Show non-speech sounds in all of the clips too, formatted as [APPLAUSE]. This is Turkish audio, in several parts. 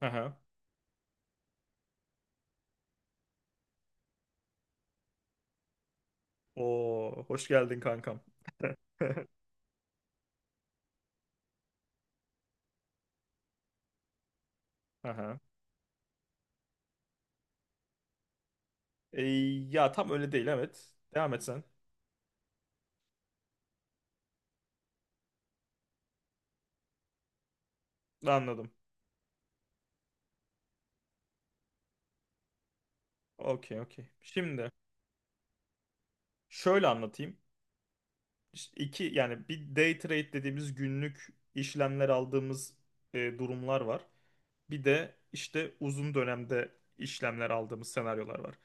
Aha. Oo, hoş geldin kankam. [LAUGHS] Aha. E, Ya tam öyle değil, evet. Devam et sen. Anladım. Okey okey. Şimdi şöyle anlatayım. İşte İki yani bir day trade dediğimiz günlük işlemler aldığımız durumlar var. Bir de işte uzun dönemde işlemler aldığımız senaryolar var.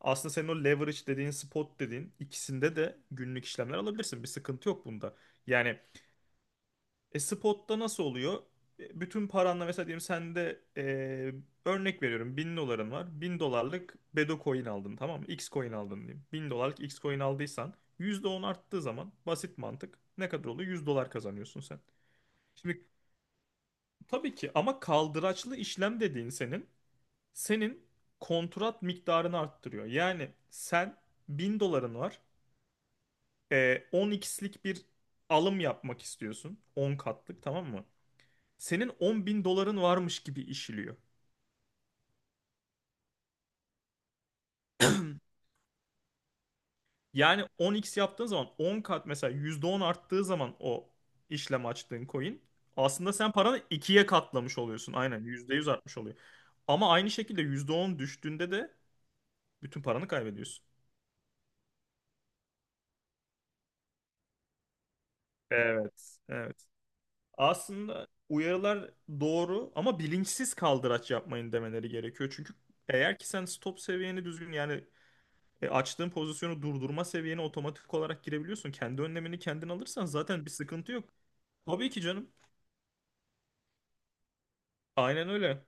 Aslında senin o leverage dediğin, spot dediğin ikisinde de günlük işlemler alabilirsin. Bir sıkıntı yok bunda. Yani spotta nasıl oluyor? Bütün paranla mesela diyelim, sende örnek veriyorum 1.000 doların var. 1.000 dolarlık Bedo coin aldın, tamam mı? X coin aldın diyeyim. Bin dolarlık X coin aldıysan %10 arttığı zaman basit mantık ne kadar oluyor? 100 dolar kazanıyorsun sen. Şimdi tabii ki ama kaldıraçlı işlem dediğin senin kontrat miktarını arttırıyor. Yani sen, 1.000 doların var. 10x'lik bir alım yapmak istiyorsun. 10 katlık, tamam mı? Senin 10 bin doların varmış gibi işliyor. [CLEARS THROAT] Yani 10x yaptığın zaman 10 kat, mesela %10 arttığı zaman o işlem açtığın coin, aslında sen paranı ikiye katlamış oluyorsun. Aynen, %100 artmış oluyor. Ama aynı şekilde %10 düştüğünde de bütün paranı kaybediyorsun. Evet. Evet. Aslında uyarılar doğru ama bilinçsiz kaldıraç yapmayın demeleri gerekiyor. Çünkü eğer ki sen stop seviyeni düzgün, yani açtığın pozisyonu durdurma seviyene otomatik olarak girebiliyorsun. Kendi önlemini kendin alırsan zaten bir sıkıntı yok. Tabii ki canım. Aynen öyle.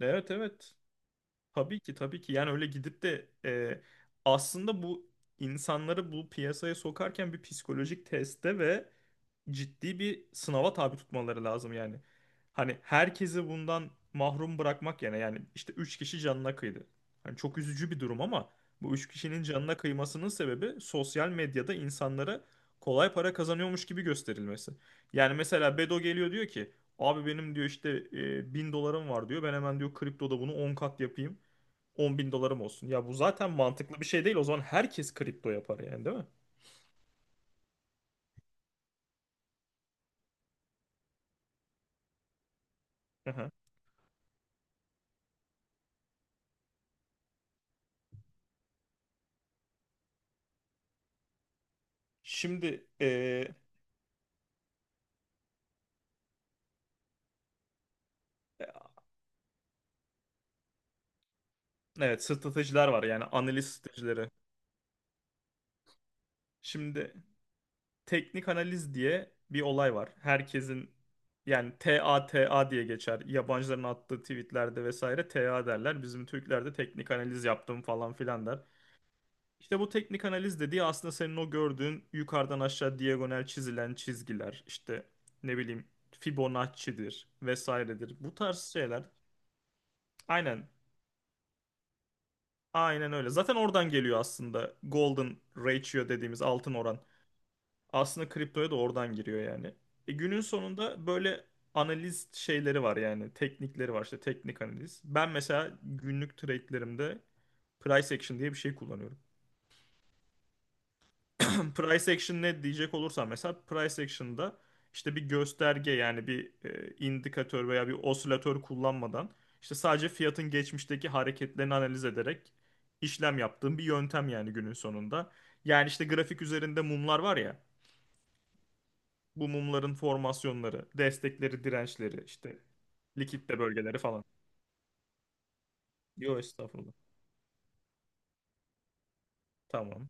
Evet, evet. Tabii ki, tabii ki. Yani öyle gidip de aslında bu, insanları bu piyasaya sokarken bir psikolojik teste ve ciddi bir sınava tabi tutmaları lazım yani. Hani herkesi bundan mahrum bırakmak yani, işte 3 kişi canına kıydı. Hani çok üzücü bir durum ama bu 3 kişinin canına kıymasının sebebi, sosyal medyada insanlara kolay para kazanıyormuş gibi gösterilmesi. Yani mesela Bedo geliyor, diyor ki, abi benim diyor, işte 1.000 dolarım var diyor, ben hemen diyor, kriptoda bunu 10 kat yapayım 10.000 dolarım olsun. Ya bu zaten mantıklı bir şey değil, o zaman herkes kripto yapar yani, değil mi? Aha. Şimdi e, evet, stratejiler var, yani analiz stratejileri. Şimdi teknik analiz diye bir olay var. Herkesin yani T T A T A diye geçer. Yabancıların attığı tweetlerde vesaire T A derler. Bizim Türklerde teknik analiz yaptım falan filan der. İşte bu teknik analiz dediği, aslında senin o gördüğün yukarıdan aşağı diagonal çizilen çizgiler, işte ne bileyim, Fibonacci'dir, vesairedir. Bu tarz şeyler. Aynen. Aynen öyle. Zaten oradan geliyor aslında, golden ratio dediğimiz altın oran. Aslında kriptoya da oradan giriyor yani. Günün sonunda böyle analiz şeyleri var, yani teknikleri var işte, teknik analiz. Ben mesela günlük trade'lerimde price action diye bir şey kullanıyorum. [LAUGHS] Price action ne diyecek olursam, mesela price action'da, işte bir gösterge yani bir indikatör veya bir osilatör kullanmadan, işte sadece fiyatın geçmişteki hareketlerini analiz ederek işlem yaptığım bir yöntem, yani günün sonunda. Yani işte grafik üzerinde mumlar var ya, bu mumların formasyonları, destekleri, dirençleri, işte likitte bölgeleri falan. Yo, estağfurullah. Tamam.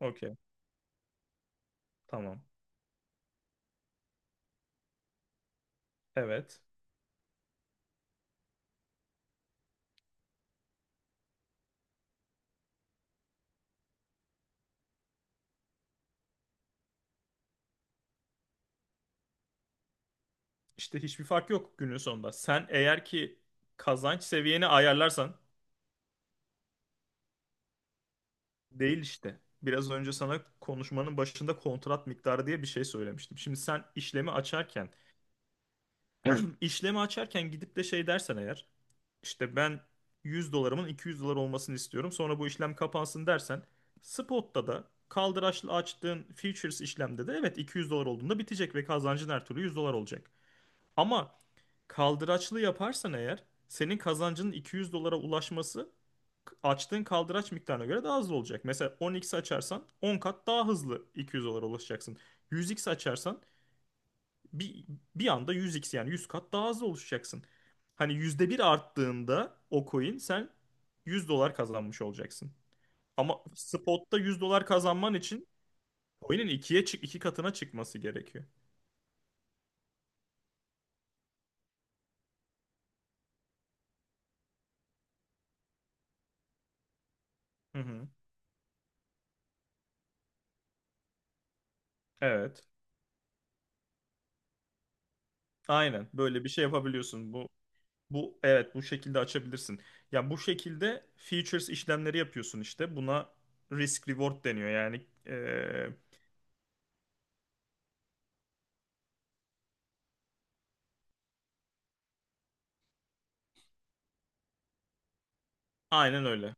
Okey. Tamam. Evet. İşte hiçbir fark yok günün sonunda. Sen eğer ki kazanç seviyeni ayarlarsan. Değil işte. Biraz önce sana konuşmanın başında kontrat miktarı diye bir şey söylemiştim. Şimdi sen işlemi açarken. Evet. [CLEARS THROAT] işlemi açarken gidip de şey dersen eğer, işte ben 100 dolarımın 200 dolar olmasını istiyorum, sonra bu işlem kapansın dersen, spotta da, kaldıraçlı açtığın futures işlemde de evet, 200 dolar olduğunda bitecek ve kazancın her türlü 100 dolar olacak. Ama kaldıraçlı yaparsan eğer, senin kazancının 200 dolara ulaşması açtığın kaldıraç miktarına göre daha hızlı olacak. Mesela 10x açarsan 10 kat daha hızlı 200 dolara ulaşacaksın. 100x açarsan bir, bir anda 100x, yani 100 kat daha hızlı ulaşacaksın. Hani %1 arttığında o coin, sen 100 dolar kazanmış olacaksın. Ama spot'ta 100 dolar kazanman için coin'in 2 katına çıkması gerekiyor. Hı hı. Evet. Aynen, böyle bir şey yapabiliyorsun. Bu evet, bu şekilde açabilirsin. Ya, bu şekilde features işlemleri yapıyorsun işte. Buna risk reward deniyor. Yani aynen öyle.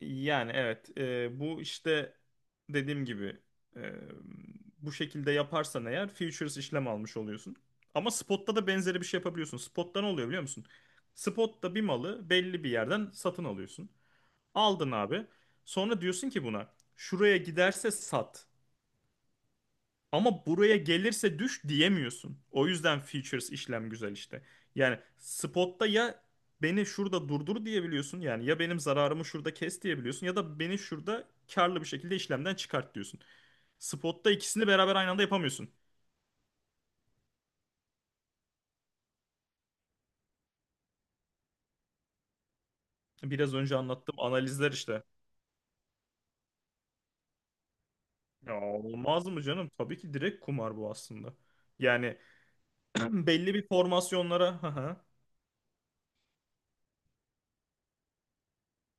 Yani evet, bu işte dediğim gibi eee, bu şekilde yaparsan eğer futures işlem almış oluyorsun. Ama spot'ta da benzeri bir şey yapabiliyorsun. Spot'ta ne oluyor biliyor musun? Spot'ta bir malı belli bir yerden satın alıyorsun. Aldın abi. Sonra diyorsun ki buna, şuraya giderse sat. Ama buraya gelirse düş diyemiyorsun. O yüzden features işlem güzel işte. Yani spotta ya beni şurada durdur diyebiliyorsun, yani ya benim zararımı şurada kes diyebiliyorsun, ya da beni şurada karlı bir şekilde işlemden çıkart diyorsun. Spotta ikisini beraber aynı anda yapamıyorsun. Biraz önce anlattığım analizler işte. Ya olmaz mı canım? Tabii ki, direkt kumar bu aslında. Yani [CLEARS THROAT] belli bir formasyonlara [LAUGHS] hı hı,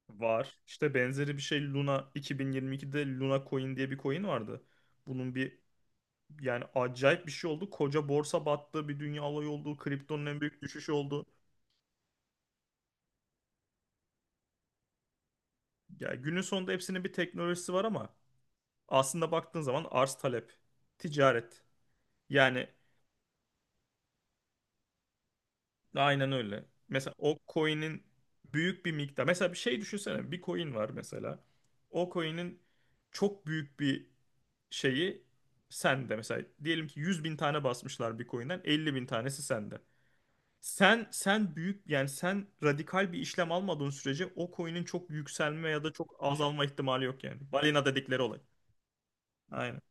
var. İşte benzeri bir şey, Luna. 2022'de Luna Coin diye bir coin vardı. Bunun bir Yani acayip bir şey oldu. Koca borsa battı, bir dünya olayı oldu, kriptonun en büyük düşüşü oldu. Yani günün sonunda hepsinin bir teknolojisi var ama aslında baktığın zaman, arz talep, ticaret. Yani aynen öyle. Mesela o coin'in büyük bir miktar. Mesela bir şey düşünsene. Bir coin var mesela. O coin'in çok büyük bir şeyi sende. Mesela diyelim ki 100 bin tane basmışlar bir coin'den, 50 bin tanesi sende. Sen büyük, yani sen radikal bir işlem almadığın sürece o coin'in çok yükselme ya da çok azalma ihtimali yok yani. Balina dedikleri olay. Aynen.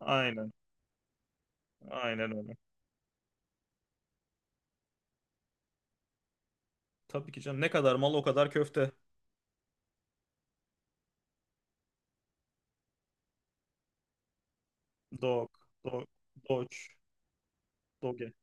Aynen. Aynen öyle. Tabii ki canım. Ne kadar mal o kadar köfte. Dog. Dog. Doge. Doge.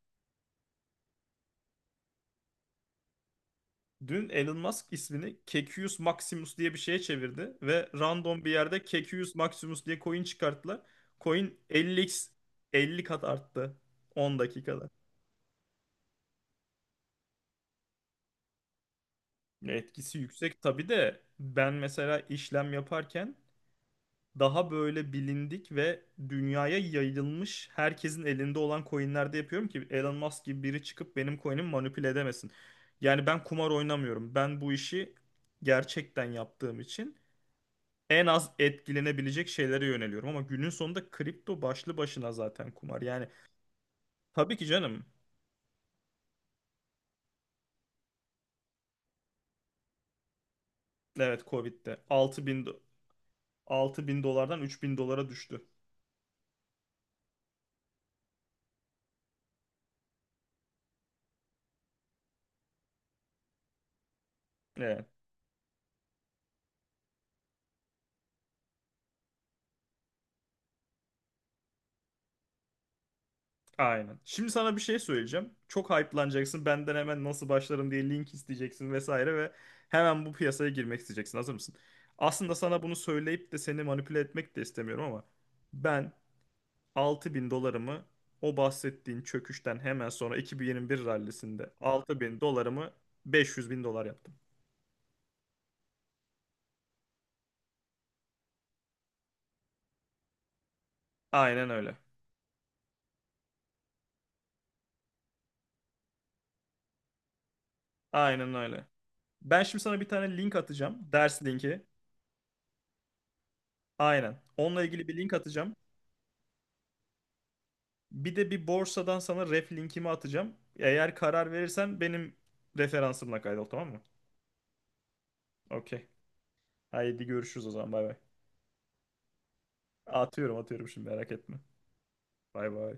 Dün Elon Musk ismini Kekius Maximus diye bir şeye çevirdi ve random bir yerde Kekius Maximus diye coin çıkarttılar. Coin 50x, 50 kat arttı 10 dakikada. Etkisi yüksek tabii de, ben mesela işlem yaparken daha böyle bilindik ve dünyaya yayılmış, herkesin elinde olan coinlerde yapıyorum ki, Elon Musk gibi biri çıkıp benim coin'imi manipüle edemesin. Yani ben kumar oynamıyorum. Ben bu işi gerçekten yaptığım için en az etkilenebilecek şeylere yöneliyorum. Ama günün sonunda kripto başlı başına zaten kumar. Yani tabii ki canım. Evet, Covid'de 6.000 dolardan 3.000 dolara düştü. Evet. Aynen. Şimdi sana bir şey söyleyeceğim. Çok hype'lanacaksın. Benden hemen nasıl başlarım diye link isteyeceksin vesaire ve hemen bu piyasaya girmek isteyeceksin. Hazır mısın? Aslında sana bunu söyleyip de seni manipüle etmek de istemiyorum ama ben, 6.000 dolarımı, o bahsettiğin çöküşten hemen sonra 2021 rallisinde 6.000 dolarımı 500 bin dolar yaptım. Aynen öyle. Aynen öyle. Ben şimdi sana bir tane link atacağım. Ders linki. Aynen. Onunla ilgili bir link atacağım. Bir de bir borsadan sana ref linkimi atacağım. Eğer karar verirsen benim referansımla kaydol, tamam mı? Okey. Haydi görüşürüz o zaman, bay bay. Atıyorum atıyorum şimdi, merak etme. Bay bay.